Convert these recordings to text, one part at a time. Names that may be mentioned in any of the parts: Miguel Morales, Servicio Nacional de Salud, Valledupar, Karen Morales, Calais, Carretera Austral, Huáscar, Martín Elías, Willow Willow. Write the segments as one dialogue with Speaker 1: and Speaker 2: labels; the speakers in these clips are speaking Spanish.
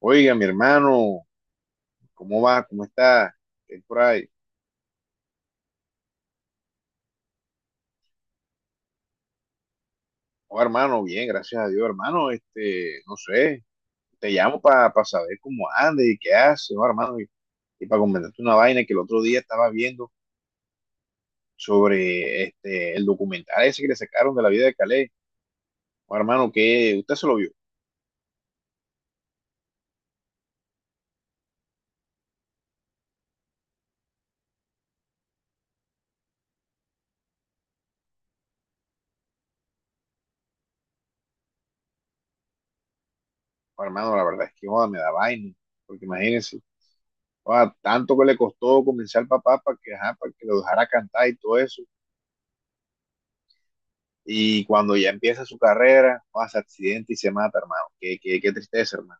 Speaker 1: Oiga, mi hermano, ¿cómo va? ¿Cómo está? ¿Qué hay por ahí? Oh, hermano, bien, gracias a Dios, hermano. No sé, te llamo para saber cómo andas y qué haces, oh, hermano, y para comentarte una vaina que el otro día estaba viendo sobre el documental ese que le sacaron de la vida de Calais. Oh, hermano, que usted se lo vio. Oh, hermano, la verdad es que joda, me da vaina, porque imagínense, joda, tanto que le costó convencer al papá para que, ajá, para que lo dejara cantar y todo eso. Y cuando ya empieza su carrera, hace accidente y se mata, hermano. Qué tristeza, hermano.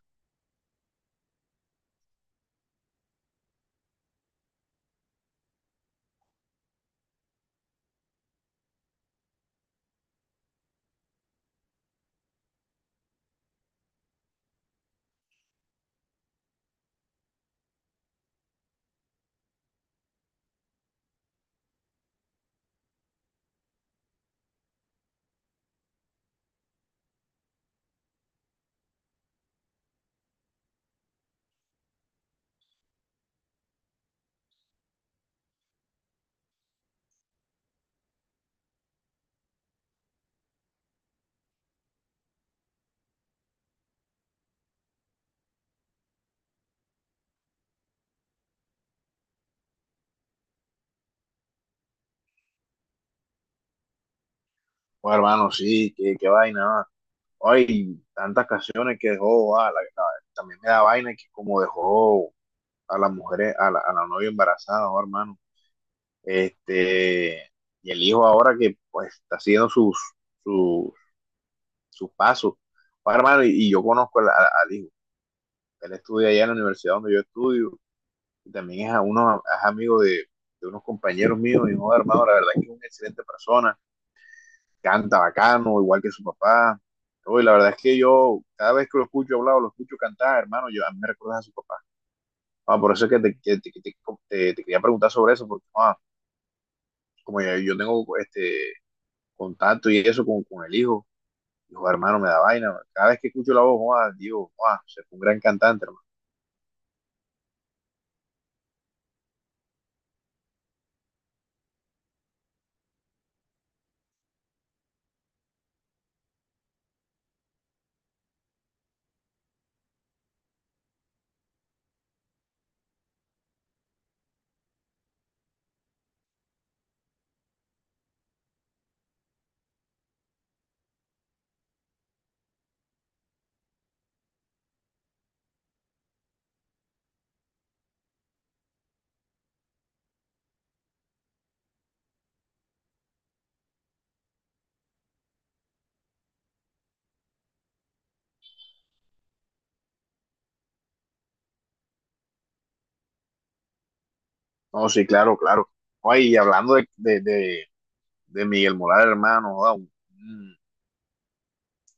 Speaker 1: Pues, hermano, sí, qué vaina. Ah. Ay, tantas canciones que dejó. También me da vaina que como dejó a las mujeres, a la novia embarazada, oh, hermano. Este, y el hijo ahora que pues está haciendo sus, sus pasos. Oh, hermano, y yo conozco al hijo. Él estudia allá en la universidad donde yo estudio. Y también es a uno, es amigo de unos compañeros míos, y hijo hermano, la verdad es que es una excelente persona, canta bacano, igual que su papá. Uy, la verdad es que yo, cada vez que lo escucho hablar o lo escucho cantar, hermano, yo, a mí me recuerdas a su papá. Ah, por eso es que te quería preguntar sobre eso, porque yo tengo contacto y eso con el hijo, hijo hermano, me da vaina. Cada vez que escucho la voz, ah, digo, ah, se fue un gran cantante, hermano. No, sí, claro, claro. Ay, y hablando de Miguel Morales, hermano, joda, un-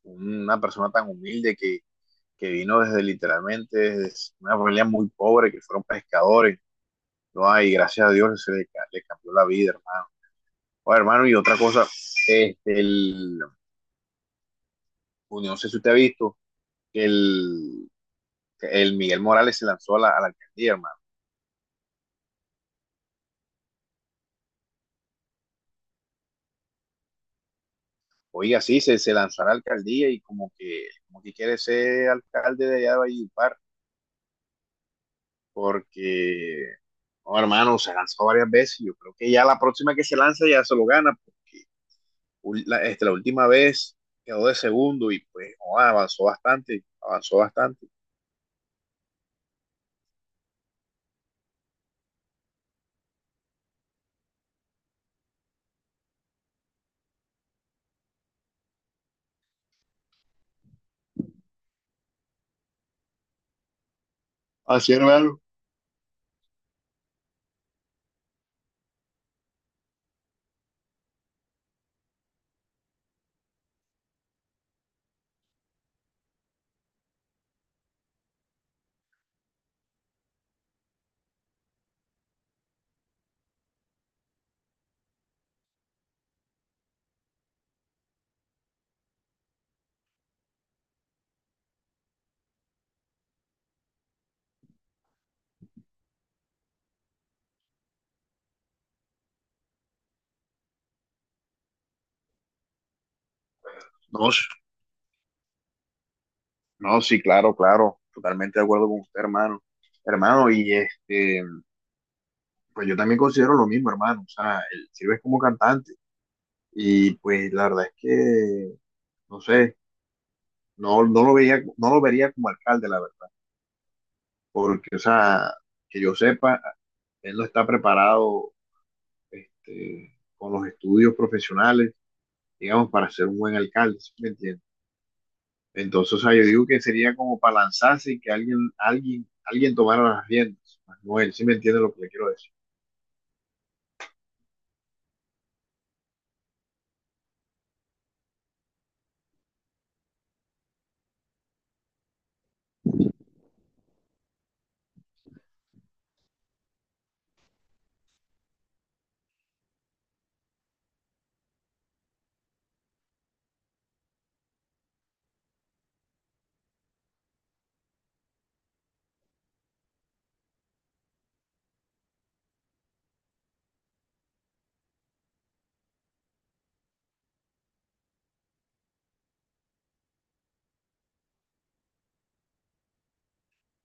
Speaker 1: un- una persona tan humilde que vino desde literalmente desde una familia muy pobre, que fueron pescadores, ¿no? Y gracias a Dios se le, le cambió la vida, hermano. Oye, hermano, y otra cosa, este, el, no sé si usted ha visto que el Miguel Morales se lanzó a a la alcaldía, hermano. Oiga, sí, se lanzó a la alcaldía y como que quiere ser alcalde de allá de Valledupar porque, no, hermano, se lanzó varias veces. Yo creo que ya la próxima que se lanza ya se lo gana, porque la última vez quedó de segundo y pues no, avanzó bastante, avanzó bastante. Así, hermano. No, s- no, sí, claro, claro, totalmente de acuerdo con usted, hermano. Hermano, y este, pues yo también considero lo mismo, hermano. O sea, él sirve como cantante y pues la verdad es que no sé, no lo veía, no lo vería como alcalde, la verdad. Porque, o sea, que yo sepa, él no está preparado con los estudios profesionales, digamos, para ser un buen alcalde, ¿sí me entiendes? Entonces, o sea, yo digo que sería como para lanzarse y que alguien tomara las riendas, Manuel, ¿sí me entiendes lo que le quiero decir?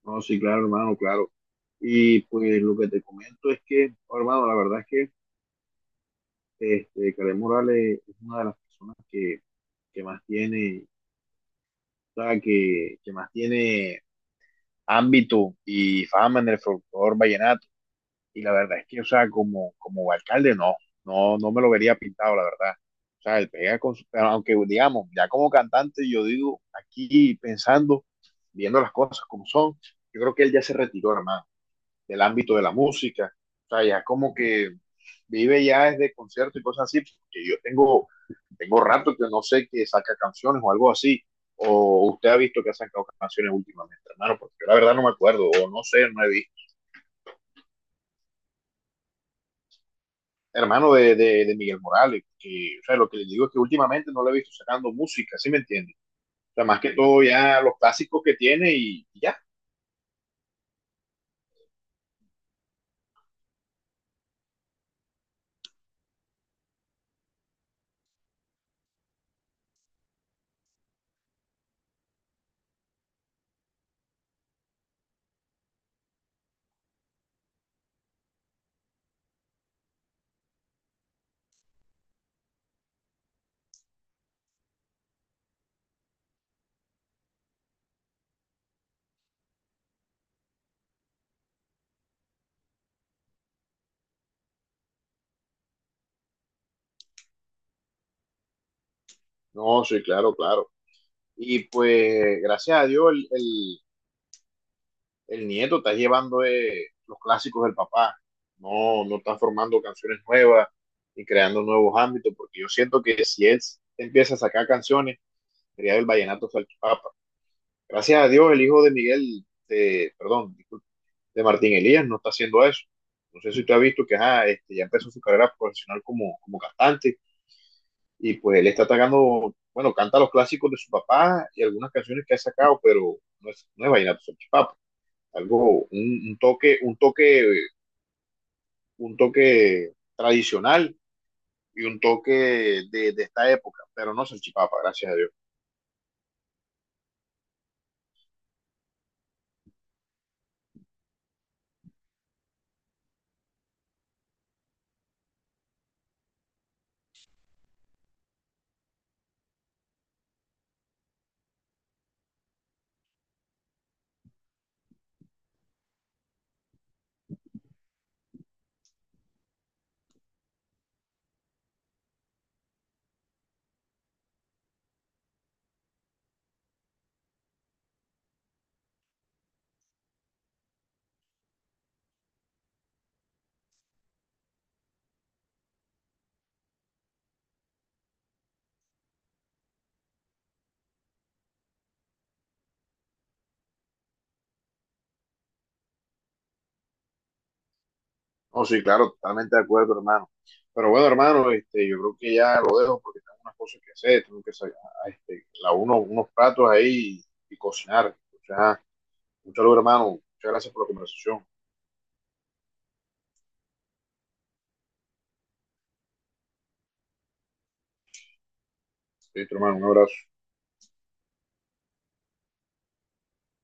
Speaker 1: No, sí, claro, hermano, claro. Y pues lo que te comento es que, oh, hermano, la verdad es que Karen Morales es una de las personas que más tiene, o sea, que más tiene ámbito y fama en el folclore vallenato. Y la verdad es que, o sea, como, como alcalde, no me lo vería pintado, la verdad. O sea, él pega con su, pero aunque digamos, ya como cantante, yo digo, aquí pensando, viendo las cosas como son, yo creo que él ya se retiró, hermano, del ámbito de la música. O sea, ya como que vive ya desde conciertos y cosas así, porque yo tengo, tengo rato que no sé que saca canciones o algo así. O usted ha visto que ha sacado canciones últimamente, hermano, porque yo la verdad no me acuerdo, o no sé, no he visto. Hermano de Miguel Morales, que, o sea, lo que les digo es que últimamente no lo he visto sacando música, ¿sí me entiende? O sea, más que todo ya los clásicos que tiene y ya. No, sí, claro, claro. Y pues, gracias a Dios, el nieto está llevando los clásicos del papá, no, no está formando canciones nuevas y creando nuevos ámbitos, porque yo siento que si él empieza a sacar canciones, sería el vallenato salchipapa. Gracias a Dios, el hijo de Miguel, de, perdón, disculpe, de Martín Elías no está haciendo eso. No sé si tú has visto que ajá, ya empezó su carrera profesional como, como cantante y pues él está atacando, bueno, canta los clásicos de su papá y algunas canciones que ha sacado, pero no es vallenato salchipapa. Algo, un toque, un toque tradicional y un toque de esta época, pero no salchipapa, gracias a Dios. No, sí, claro, totalmente de acuerdo, hermano. Pero bueno, hermano, este, yo creo que ya lo dejo porque tengo unas cosas que hacer, tengo que sacar la uno, unos platos ahí y cocinar. O sea, un saludo, hermano. Muchas gracias por la conversación. Listo, hermano, un abrazo.